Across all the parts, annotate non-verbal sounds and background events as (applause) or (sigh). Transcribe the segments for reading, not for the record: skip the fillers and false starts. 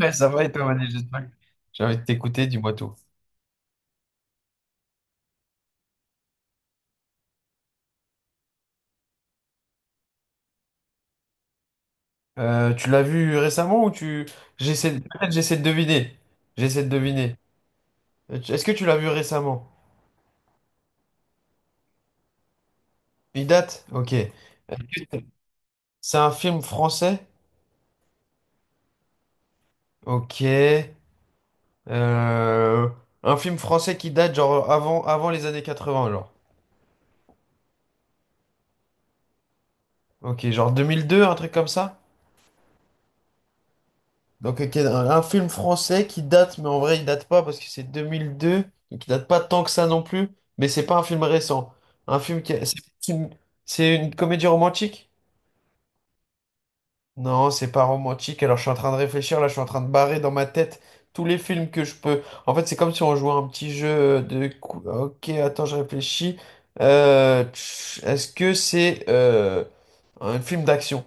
Ouais, ça va? Et toi, Mané? J'espère que j'ai envie de t'écouter, dis-moi tout. Tu l'as vu récemment ou tu... J'essaie de... Peut-être j'essaie de deviner. J'essaie de deviner. Est-ce que tu l'as vu récemment? Il date? Ok. Est-ce que c'est un film français? Ok. Euh, Un film français qui date genre avant les années 80, genre. Ok, genre 2002, un truc comme ça? Donc, ok, un film français qui date, mais en vrai, il date pas parce que c'est 2002, donc il date pas tant que ça non plus, mais c'est pas un film récent. Un film qui. A- C'est c'est une comédie romantique? Non, c'est pas romantique. Alors, je suis en train de réfléchir, là, je suis en train de barrer dans ma tête tous les films que je peux. En fait, c'est comme si on jouait à un petit Ok, attends, je réfléchis. Est-ce que c'est un film d'action?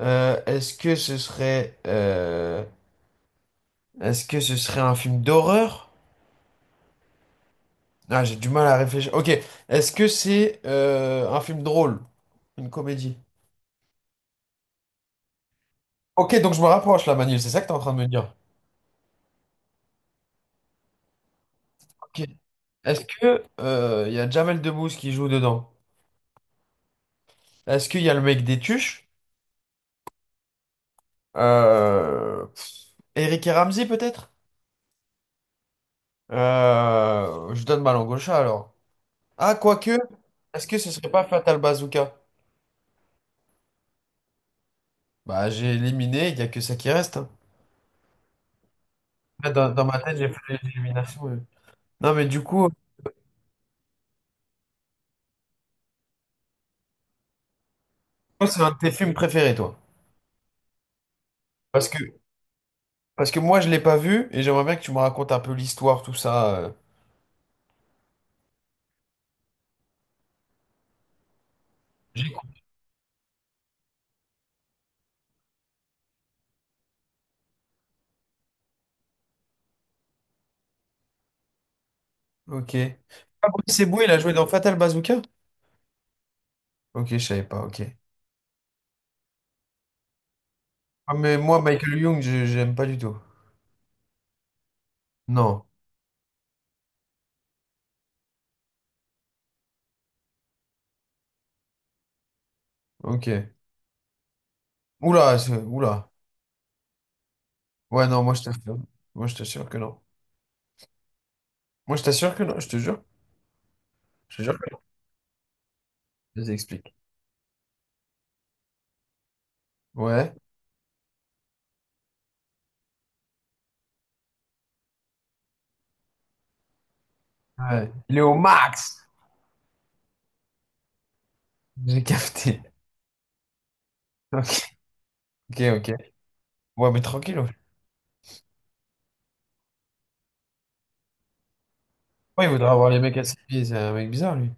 Euh, est-ce que ce serait. euh, Est-ce que ce serait un film d'horreur? Ah, j'ai du mal à réfléchir. Ok, est-ce que c'est un film drôle? Une comédie? Ok, donc je me rapproche là, Manil, c'est ça que t'es en train de me dire. Ok. Est-ce que il y a Jamel Debbouze qui joue dedans? Est-ce qu'il y a le mec des Tuches? Eric et Ramzy peut-être? Je donne ma langue au chat alors. Ah, quoique, est-ce que ce serait pas Fatal Bazooka? Bah, j'ai éliminé, il y a que ça qui reste, hein. Dans ma tête, j'ai fait l'élimination, ouais. Non, mais du coup, toi, c'est un de tes films préférés, toi. Parce que, Parce que moi, je l'ai pas vu et j'aimerais bien que tu me racontes un peu l'histoire, tout ça, J'ai- Ok. Ah, Brice Eboué, il a joué dans Fatal Bazooka? Ok, je savais pas, ok. Ah, mais moi, Michael Young, j'aime pas du tout. Non, ok. Oula, oula. Ouais, non, moi, je t'assure. Moi, je t'assure que non. Moi, je t'assure que non, je te jure. Je te jure que non. Je t'explique. Ouais. Ouais. Il est au max! J'ai capté. (laughs) Ok, ok, ok. Ouais, mais tranquille. Ouais, ouais, il voudra avoir les mecs à ses pieds, c'est un mec bizarre, lui.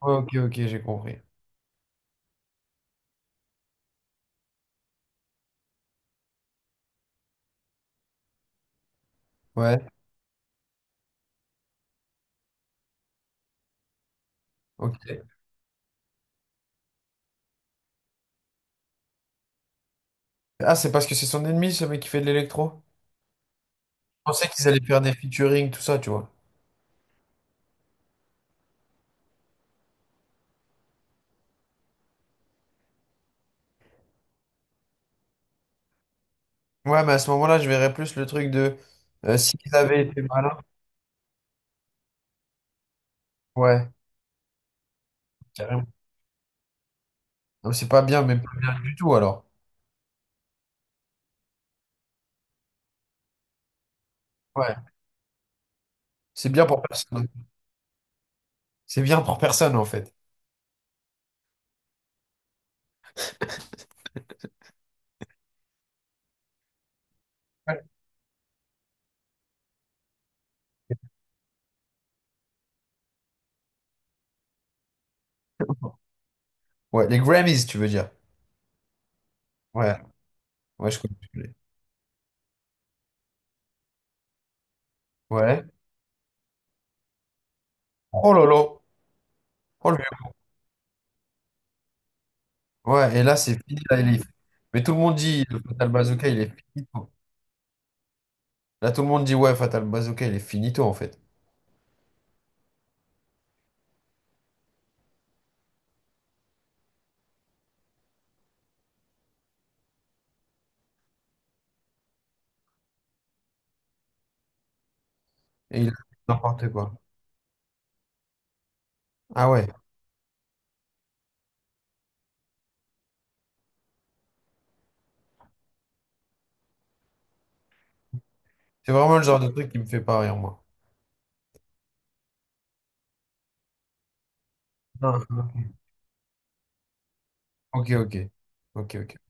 Ok, ok, j'ai compris. Ouais, ok. Ah, c'est parce que c'est son ennemi, ce mec qui fait de l'électro? Je pensais qu'ils allaient faire des featuring, tout ça, tu vois. Ouais, mais à ce moment-là, je verrais plus le truc de s'ils avaient été malins. Ouais, carrément. Non, c'est pas bien, mais pas bien du tout, alors. Ouais, c'est bien pour personne. C'est bien pour personne, en fait. (laughs) Ouais, ouais, les Grammys, tu veux dire. Ouais, ouais, je connais, je connais. Ouais. Oh lolo. Oh le vieux. Ouais, et là, c'est fini, là, il est... Mais tout le monde dit, le Fatal Bazooka, il est fini. Là, tout le monde dit, ouais, Fatal Bazooka, il est finito, en fait. Et il a fait n'importe quoi. Ah ouais. C'est vraiment le genre de truc qui me fait pas rire, moi. Ah, ah. Ok, ok. Ok, ok.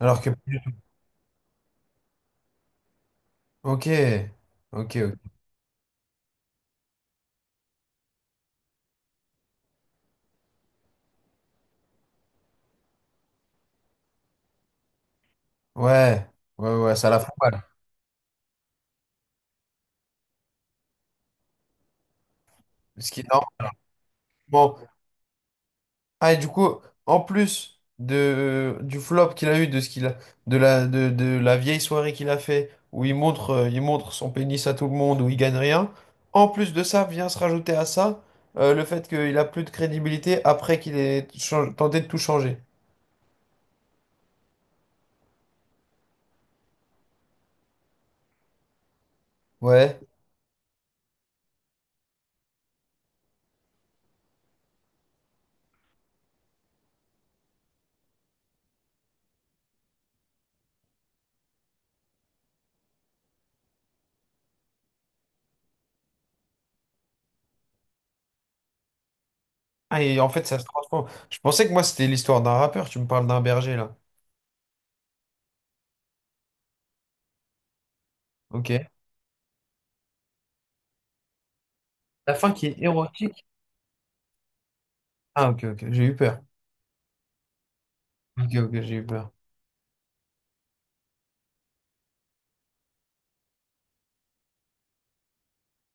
Alors que. Ok. Ok, ok. Ouais. Ouais, ouais, ouais, ça la fout mal. Ce qui, normalement, ah, et du coup, en plus du flop qu'il a eu, de ce qu'il a, de la vieille soirée qu'il a fait, où il montre son pénis à tout le monde, où il gagne rien, en plus de ça, vient se rajouter à ça, le fait qu'il a plus de crédibilité après qu'il ait tenté de tout changer. Ouais. Ah, et en fait, ça se transforme. Je pensais que moi, c'était l'histoire d'un rappeur, tu me parles d'un berger, là. Ok. La fin qui est érotique. Ah, ok, ok, j'ai eu peur. Ok, ok, j'ai eu peur.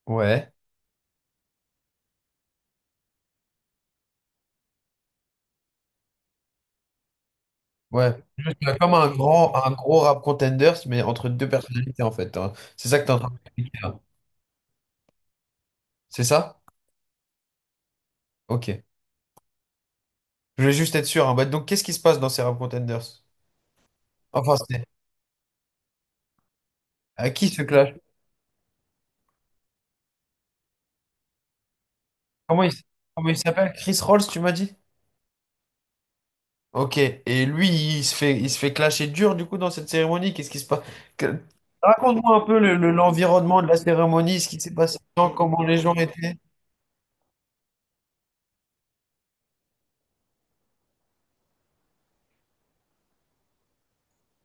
Ouais. Ouais. Juste, comme un grand, un gros rap contenders, mais entre deux personnalités, en fait, hein. C'est ça que t'es en train de m'expliquer, là. C'est ça? Ok. Je voulais juste être sûr, hein. Bah, donc, qu'est-ce qui se passe dans ces rap contenders? Enfin, c'est à qui se clash? Comment il, s- Comment il s'appelle? Chris Rolls, tu m'as dit? Ok. Et lui, il se fait clasher dur, du coup, dans cette cérémonie. Qu'est-ce qui se passe? Que- Raconte-moi un peu l'environnement de la cérémonie, ce qui s'est passé, comment les gens étaient.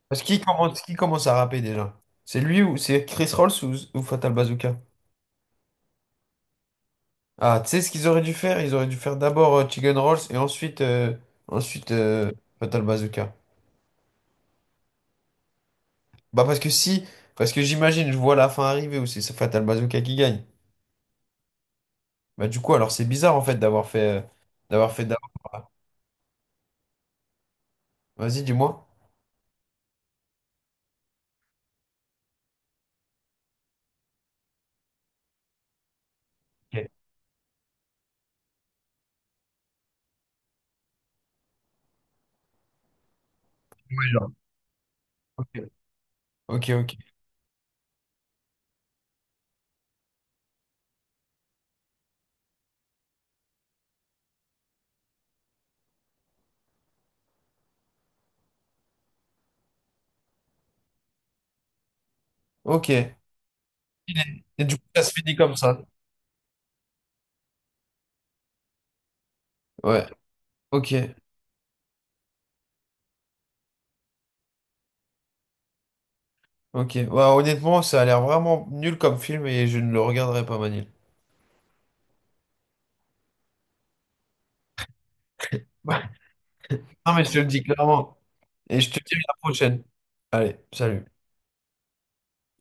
Parce qui commence à rapper déjà? C'est lui ou c'est Chris Rolls ou Fatal Bazooka? Ah, tu sais ce qu'ils auraient dû faire? Ils auraient dû faire d'abord Chicken Rolls et ensuite, ensuite euh, Fatal Bazooka. Bah parce que si, parce que j'imagine, je vois la fin arriver où c'est ce Fatal Bazooka qui gagne. Bah du coup, alors c'est bizarre en fait d'avoir fait, d'avoir fait d'abord, vas-y, dis-moi. Ok, ouais, genre, ok, ok. Ok. Ok. Et du coup, ça se finit comme ça. Ouais, ok, ok. Bah, honnêtement, ça a l'air vraiment nul comme film et je ne le regarderai pas, Manil. (laughs) Non, mais je te le dis clairement. Et je te dis à la prochaine. Allez, salut.